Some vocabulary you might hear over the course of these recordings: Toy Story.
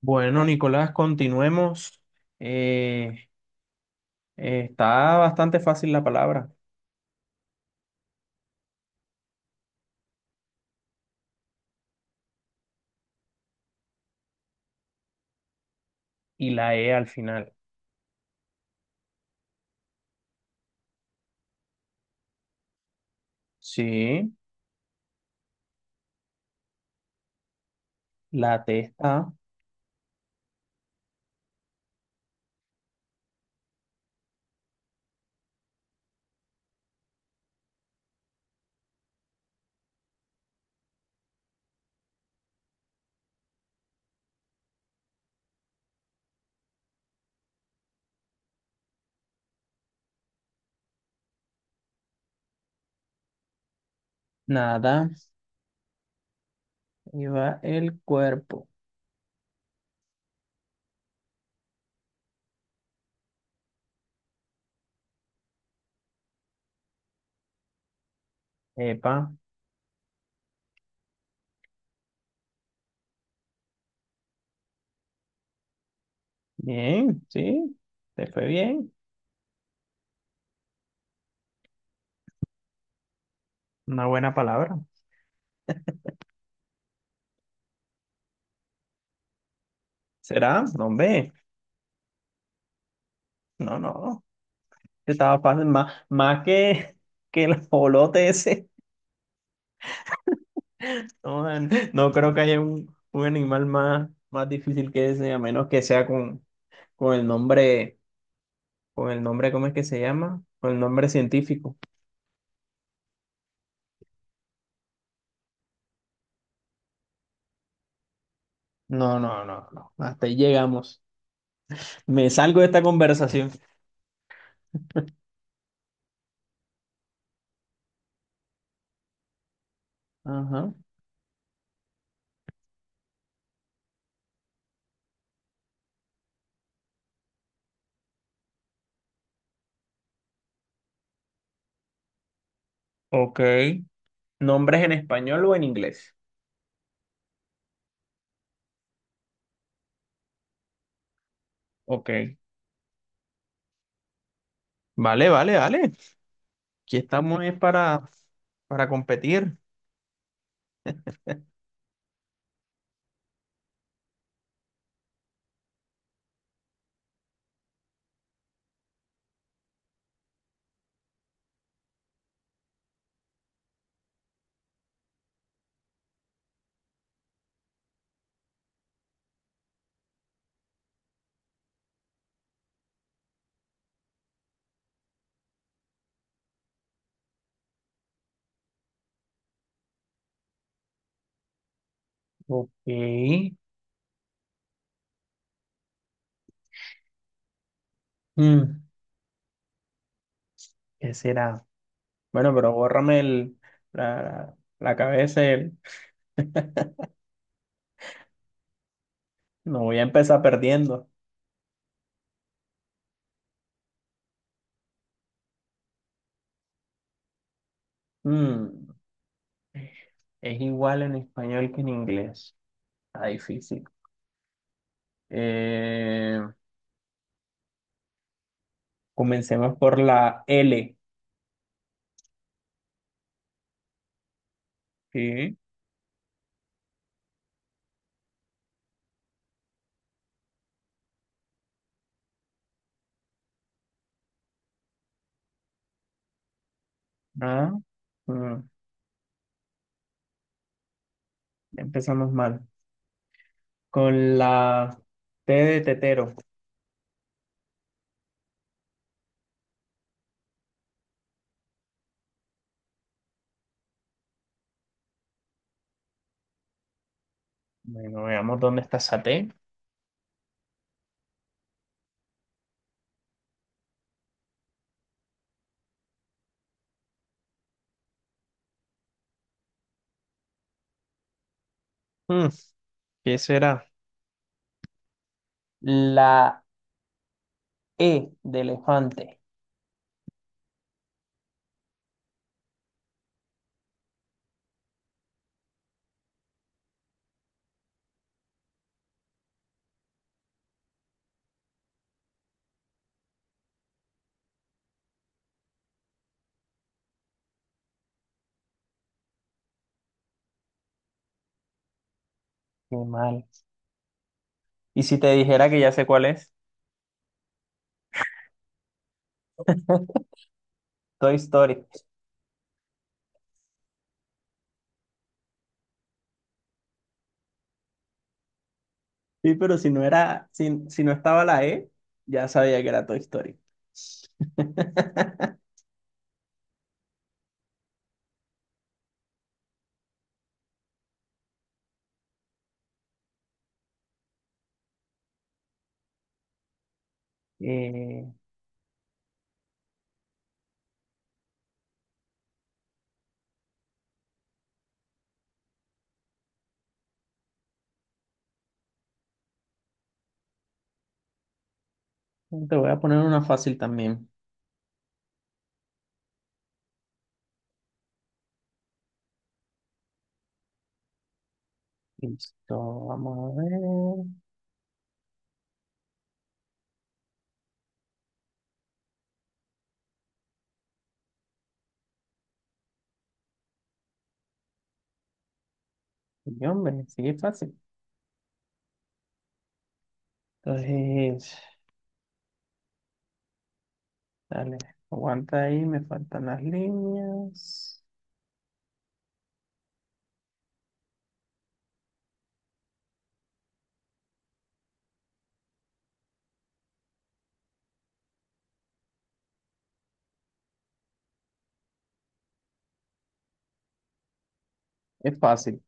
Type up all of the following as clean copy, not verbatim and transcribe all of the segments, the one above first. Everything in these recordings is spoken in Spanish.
Bueno, Nicolás, continuemos. Eh, Está bastante fácil la palabra. Y la E al final. Sí, la T está. Nada. Y va el cuerpo. Epa. Bien, sí. Te fue bien. Una buena palabra. ¿Será? No, hombre. No, no. Estaba fácil. Más que el jolote ese. No, man, no creo que haya un animal más difícil que ese, a menos que sea con el nombre, con el nombre, ¿cómo es que se llama? Con el nombre científico. No, no, no, no. Hasta ahí llegamos. Me salgo de esta conversación. Ajá. Ok. ¿Nombres en español o en inglés? Ok. Vale, vale, vale. Aquí estamos es para competir. Ok. ¿Qué será? Bueno, pero bórrame la cabeza. No voy a empezar perdiendo. Mm, es igual en español que en inglés. Está difícil. Eh, Comencemos por la L. Sí. Ah, mm, empezamos mal. Con la T de tetero. Bueno, veamos dónde está esa T. Mm, ¿Qué será? La E de elefante. Qué mal. ¿Y si te dijera que ya sé cuál es? Toy Story. Sí, pero si no era, si no estaba la E, ya sabía que era Toy Story. Eh, Te voy a poner una fácil también. Listo, vamos a ver. Y hombre, sigue fácil. Entonces, dale, aguanta ahí, me faltan las líneas. Es fácil.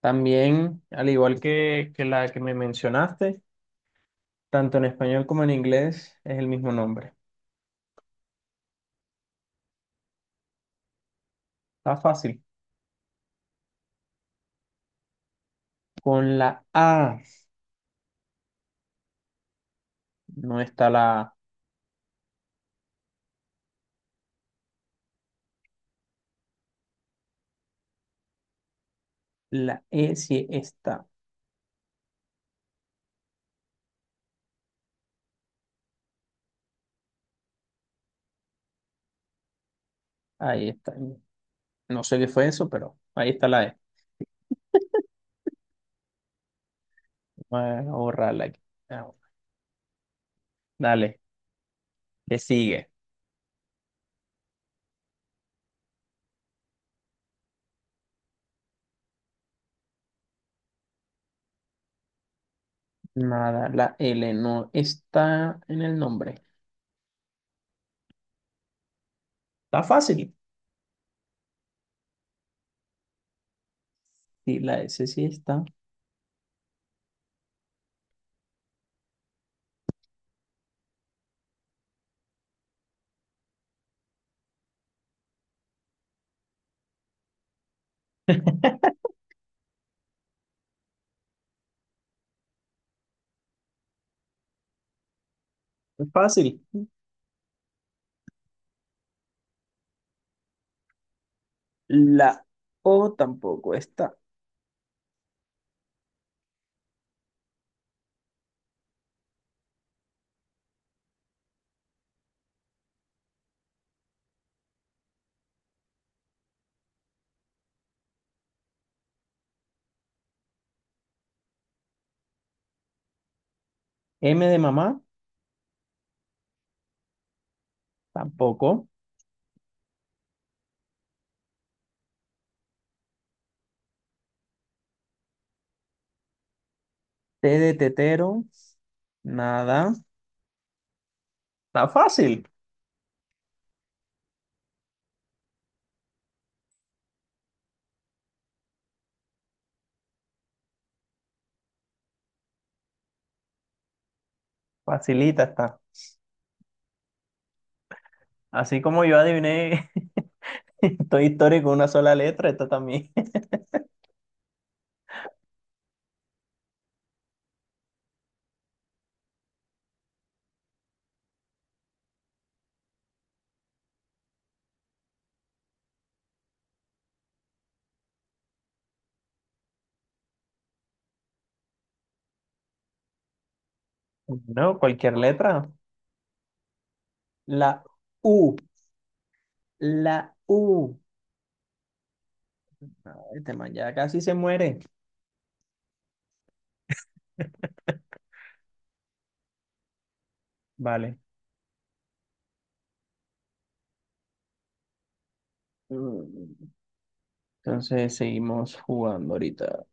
También, al igual que, la que me mencionaste, tanto en español como en inglés es el mismo nombre. Está fácil. Con la A no está la A. La E sí está. Ahí está. No sé qué fue eso, pero ahí está la E. Voy a borrarla aquí. Ah, dale, le sigue. Nada, la L no está en el nombre. Está fácil. Sí, la S sí está. Es fácil. La O tampoco está. M de mamá, tampoco. T de tetero, nada. Está fácil. Facilita está. Así como yo adiviné Toy Story con una sola letra, esta también. No, cualquier letra. La U, la U. Ay, este man ya casi se muere. Vale. Mm, Entonces seguimos jugando ahorita.